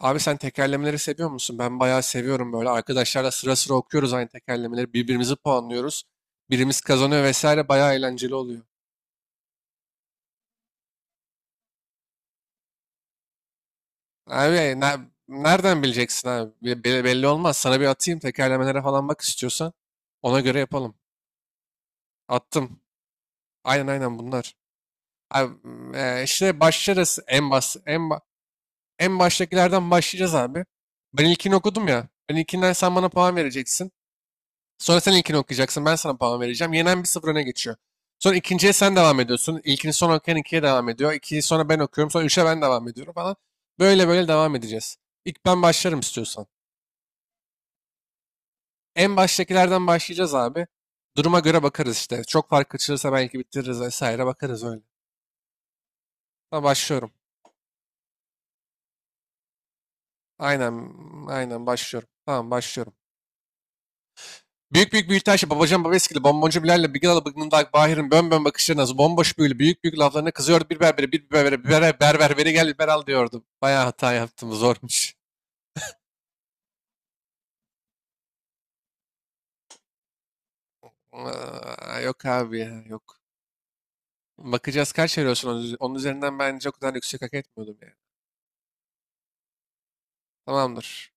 Abi sen tekerlemeleri seviyor musun? Ben bayağı seviyorum böyle. Arkadaşlarla sıra sıra okuyoruz aynı tekerlemeleri. Birbirimizi puanlıyoruz. Birimiz kazanıyor vesaire. Bayağı eğlenceli oluyor. Abi ne- nereden bileceksin abi? Belli olmaz. Sana bir atayım tekerlemelere falan bak istiyorsan. Ona göre yapalım. Attım. Aynen aynen bunlar. Abi, işte başlarız en bas en ba- en baştakilerden başlayacağız abi. Ben ilkini okudum ya. Ben ilkinden sen bana puan vereceksin. Sonra sen ilkini okuyacaksın. Ben sana puan vereceğim. Yenen bir 0 öne geçiyor. Sonra ikinciye sen devam ediyorsun. İlkini son okuyan ikiye devam ediyor. İkiyi sonra ben okuyorum. Sonra üçe ben devam ediyorum falan. Böyle böyle devam edeceğiz. İlk ben başlarım istiyorsan. En baştakilerden başlayacağız abi. Duruma göre bakarız işte. Çok fark açılırsa belki bitiririz vesaire bakarız öyle. Tamam başlıyorum. Aynen aynen başlıyorum. Tamam başlıyorum. Büyük büyük büyütaş babacan babeskili bomboncu Bilal'le Bigalı bıgnındak Bahir'in bön bön bakışlarına bomboş büyülü büyük büyük laflarına kızıyordu, bir berbere bir berbere bir berbere berber veri gel liberal diyordu. Bayağı hata yaptım, zormuş. Aa, yok abi ya, yok. Bakacağız kaç veriyorsun onun üzerinden, bence o kadar yüksek hak etmiyordum yani. Tamamdır.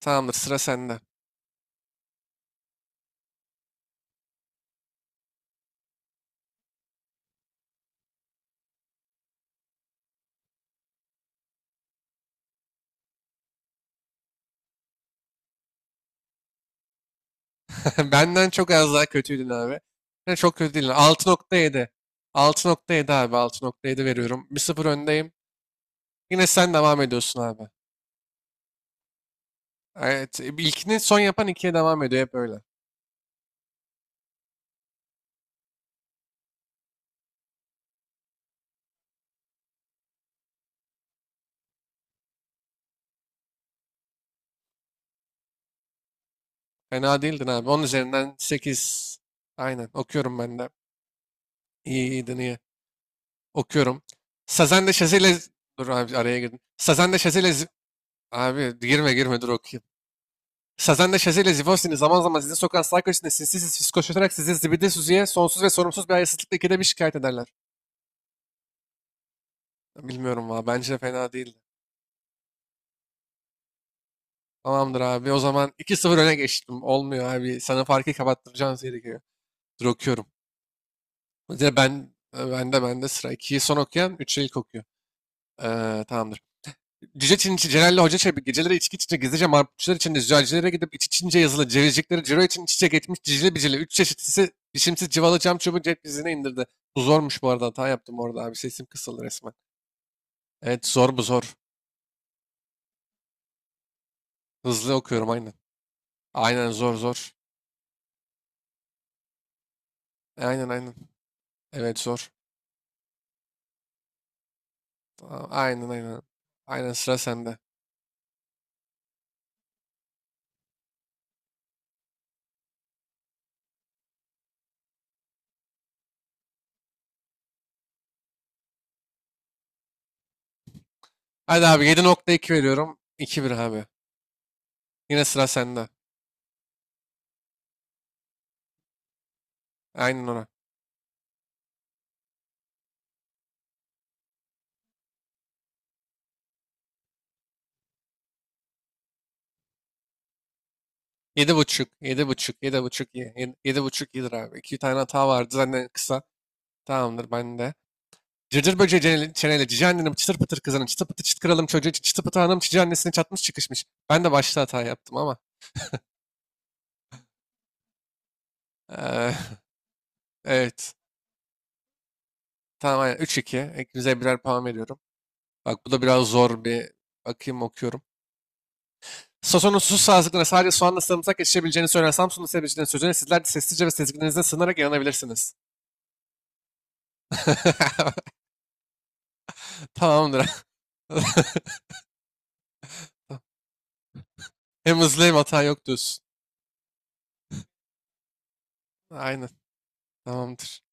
Tamamdır, sıra sende. Benden çok az daha kötüydün abi. Yani çok kötü değil. 6,7, 6,7 abi, 6,7 veriyorum. 1 sıfır öndeyim. Yine sen devam ediyorsun abi. Evet, ilkini son yapan ikiye devam ediyor hep öyle. Fena değildin abi. 10 üzerinden 8. Aynen okuyorum ben de. İyi, iyiydin, iyi. Okuyorum. Sazen de Şazel'e... Dur abi, araya girdim. Sazen de Şazel'e... Abi girme girme, dur okuyayım. Sazen de Şazel'e Zivostin'i zaman zaman size sokan sarkoçine sinsiz fiskoşlatarak sizi zibidi suziye sonsuz ve sorumsuz bir hayasızlıkla ikide bir şikayet ederler. Bilmiyorum valla, bence de fena değildi. Tamamdır abi, o zaman 2-0 öne geçtim. Olmuyor abi, sana farkı kapattıracağım gerekiyor. Dur okuyorum. Mesela ben de sıra 2'yi son okuyan 3'e ilk okuyor. Tamamdır. Cüce Çinçi Celal'le Hoca Çebi geceleri içki içince gizlice marputçular içinde züccacilere gidip iç içince yazılı cevizcikleri ciro için iç içe geçmiş cicili bicili. Üç çeşitlisi biçimsiz cıvalı cam çubuğu cep dizine indirdi. Bu zormuş, bu arada hata yaptım orada abi, sesim kısıldı resmen. Evet zor, bu zor. Hızlı okuyorum, aynen. Aynen, zor zor. Aynen aynen. Evet, zor. Tamam, aynen aynen. Aynen, sıra sende. Hadi abi, 7,2 veriyorum. 2-1 abi. Yine sıra sende. Aynen, ona. Yedi buçuk, yedi buçuk, yedi buçuk, yedi, yedi buçuk iyidir abi. İki tane hata vardı zaten, kısa. Tamamdır ben de. Cırcır böceği çeneli cici annenin çıtır pıtır kızının çıtı pıtı çıt kralım çocuğu çıtı pıtı hanım cici annesini çatmış çıkışmış. Ben de başta hata yaptım ama. eee, evet. Tamam, aynen, 3-2. İkinize birer puan veriyorum. Bak bu da biraz zor bir, bakayım okuyorum. Sason'un su sazlıklarına sadece soğanla sarımsak yetişebileceğini söyleyen Samsunlu sebecilerin sözüne sizler de sessizce ve sezgilerinize sığınarak inanabilirsiniz. Tamamdır. Hem hızlı hem hata yok diyorsun. Aynen. Tamamdır.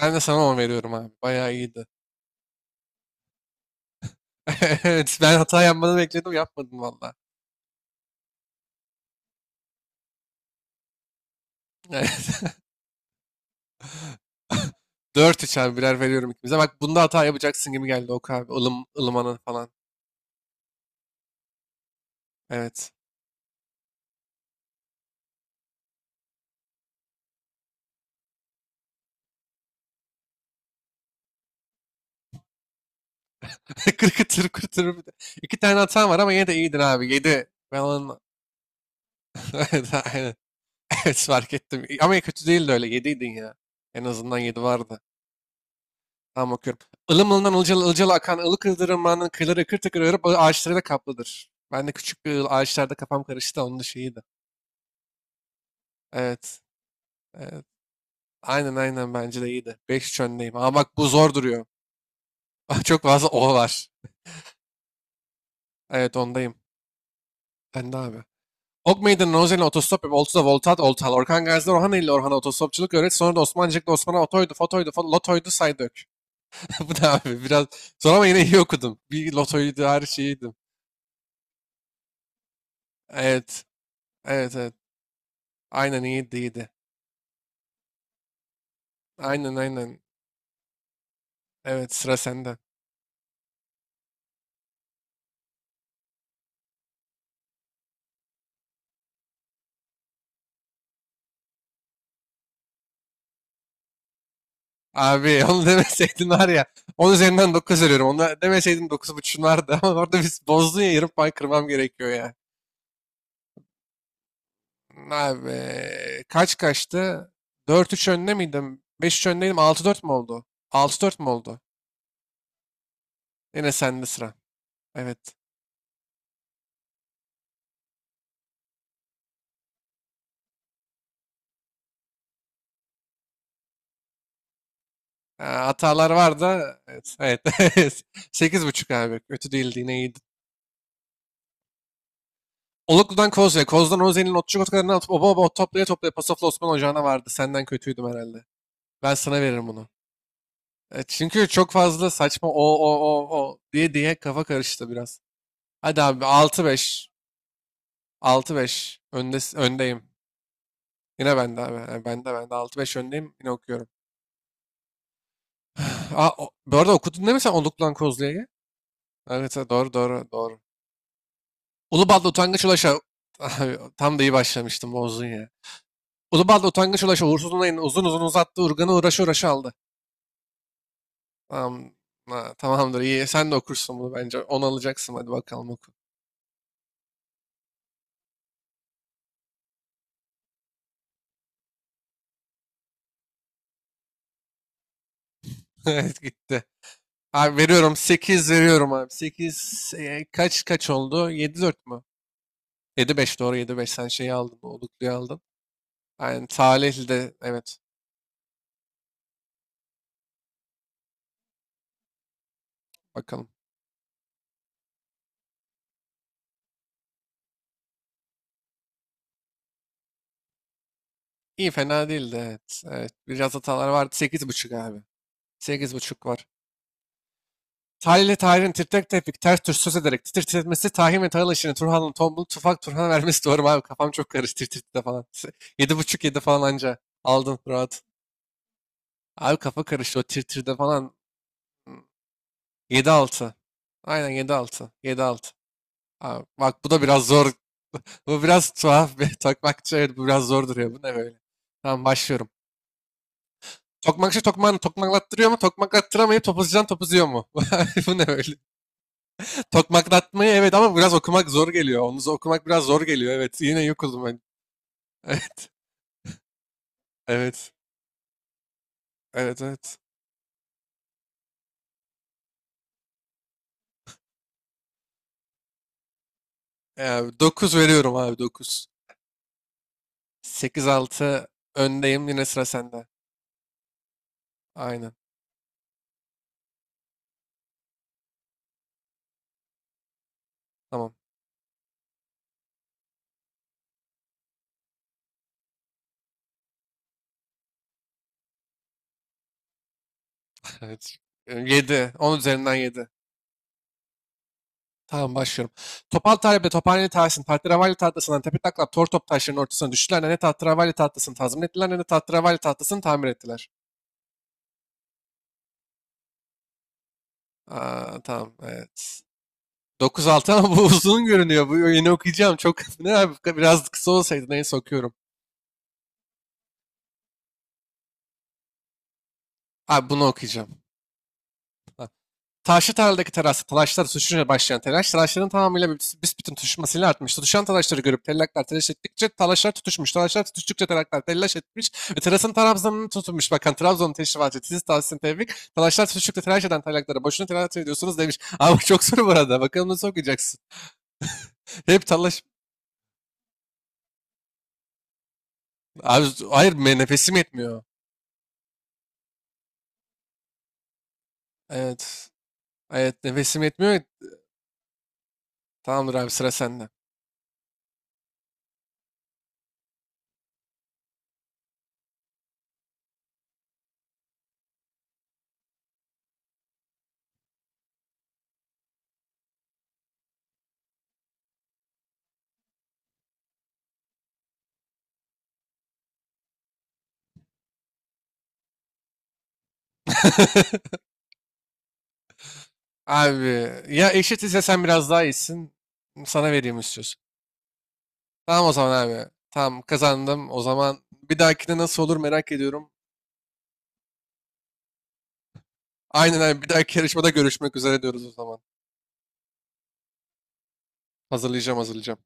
Ben de sana 10 veriyorum abi. Bayağı iyiydi. Evet. Ben hata yapmanı bekledim. Yapmadım valla. Evet. Dört 3 abi. Birer veriyorum ikimize. Bak bunda hata yapacaksın gibi geldi o abi. Ilım, ılımanın falan. Evet. Kırkıtır kırtır bir de. İki tane hatan var ama yine de iyiydin abi. Yedi. Ben onun... Evet, aynen. Evet, fark ettim. Ama kötü değildi öyle. 7'ydin ya. En azından 7 vardı. Tamam okuyorum. Ilım ılından ılcalı ılcalı akan ılık ırmakların kıyıları ıkır tıkır örüp ağaçları da kaplıdır. Ben de küçük bir ağaçlarda kafam karıştı da onun da şeyiydi. Evet. Evet. Aynen aynen, bence de iyiydi. Beş 3 öndeyim. Ama bak bu zor duruyor. Bak çok fazla o var. Evet, ondayım. Ben de abi. Ok Meydanı Nozel'in otostop ve Oltu'da Voltat Oltal. Orkan Gazi'de Orhan ile Orhan'a otostopçuluk öğret. Sonra da Osmancık'ta Osman'a otoydu, fotoydu, lotoydu, saydök. Bu da abi biraz zor ama yine iyi okudum. Bir lotoydu her şeyiydim. Evet. Evet evet. Aynen, iyiydi iyiydi. Aynen aynen. Evet, sıra sende. Abi onu demeseydin var ya. 10 üzerinden 9 veriyorum. Onu demeseydin 9,5'un vardı. Ama orada biz bozdun ya, yarım puan kırmam gerekiyor ya. Abi kaç kaçtı? 4-3 önde miydim? 5-3 öndeydim. 6-4 mü oldu? 6-4 mü oldu? Yine sende sıra. Evet. Ha, hatalar var da. Evet. Evet. Sekiz buçuk abi. Kötü değildi. Yine iyiydi. Oluklu'dan Koz'ya, Koz'dan Oze'nin otçuk otlarını atıp oba oba ot toplaya toplaya Pasof'la Osman Ocağı'na vardı. Senden kötüydüm herhalde. Ben sana veririm bunu. Çünkü çok fazla saçma o o o o diye diye kafa karıştı biraz. Hadi abi 6-5, 6-5, öndeyim. Yine bende abi. Yani bende. 6-5 öndeyim. Yine okuyorum. Aa, bu arada okudun değil mi sen, Oluklu'dan Kozlu'ya? Evet evet, doğru doğru doğru. Ulubatlı Utangaç Ulaş'a. Abi, tam da iyi başlamıştım, bozdun ya. Ulubal'da utangaç ulaşı uğursuz olayını uzun uzun uzattı. Urgan'ı uğraşı uğraşı aldı. Tamam. Ha, tamamdır, iyi. Sen de okursun bunu bence. 10 alacaksın, hadi bakalım oku. Evet, gitti. Abi veriyorum, 8 veriyorum abi. 8, kaç kaç oldu? 7-4 mü? 7-5, doğru, 7-5, sen şeyi aldın. Oluklu'yu aldın. Yani Salihli de, evet, bakalım. İyi, fena değildi, evet. Evet. Biraz hatalar vardı. Sekiz buçuk abi. Sekiz buçuk var. Talih ile Tahir'in titrek tepik ters tür söz ederek titir titretmesi Tahir ve Tahir işini Turhan'ın tombul tufak Turhan'a vermesi doğru mu abi, kafam çok karıştı tir falan. Yedi buçuk, yedi falan anca aldın rahat. Abi kafa karıştı o tir falan. 7-6. Aynen, 7-6. 7-6. Abi bak, bu da biraz zor. Bu biraz tuhaf bir tokmakçı, evet bu biraz zor duruyor. Bu ne böyle? Tamam başlıyorum. Tokmakçı tokmağını tokmaklattırıyor mu? Tokmaklattıramayıp topuzcudan topuzuyor mu? Bu ne böyle? Tokmaklatmayı, evet, ama biraz okumak zor geliyor. Onu okumak biraz zor geliyor. Evet, yine yok oldum ben. Evet. Evet. Evet evet. Yani 9 veriyorum abi, 9. 8-6 öndeyim, yine sıra sende. Aynen. Tamam. Evet. Yedi, 10 üzerinden yedi. Tamam başlıyorum. Topal Talebe, Tophaneli Tahsin, Tahterevalli tahtasından tepe taklak tor top taşlarının ortasına düştüler. Ne tahterevalli tahtasını tazmin ettiler ne de tahterevalli tahtasını tamir ettiler. Aa, tamam, evet. 9-6, ama bu uzun görünüyor. Bu yeni okuyacağım. Çok ne abi, biraz kısa olsaydı, neyse okuyorum. Abi bunu okuyacağım. Ha. Taşlı tarladaki terasta talaşlar suşunca başlayan telaş, talaşların tamamıyla büsbütün tutuşmasıyla artmıştı. Düşen talaşları görüp tellaklar telaş ettikçe talaşlar tutuşmuş. Talaşlar tutuştukça tellaklar telaş etmiş ve terasın Trabzon'unu tutunmuş. Bakın Trabzon'un teşrifatçı siz tavsiyen tevfik. Talaşlar tutuştukça telaş eden tellaklara boşuna telaş ediyorsunuz demiş. Abi çok soru bu arada. Bakalım nasıl okuyacaksın. Hep talaş... Abi hayır nefesim yetmiyor. Evet. Evet, nefesim yetmiyor. Tamamdır abi, sıra sende. Abi ya eşitiz ya, sen biraz daha iyisin. Sana vereyim istiyorsun. Tamam o zaman abi. Tamam, kazandım. O zaman bir dahakine nasıl olur merak ediyorum. Aynen abi, bir dahaki yarışmada görüşmek üzere diyoruz o zaman. Hazırlayacağım, hazırlayacağım.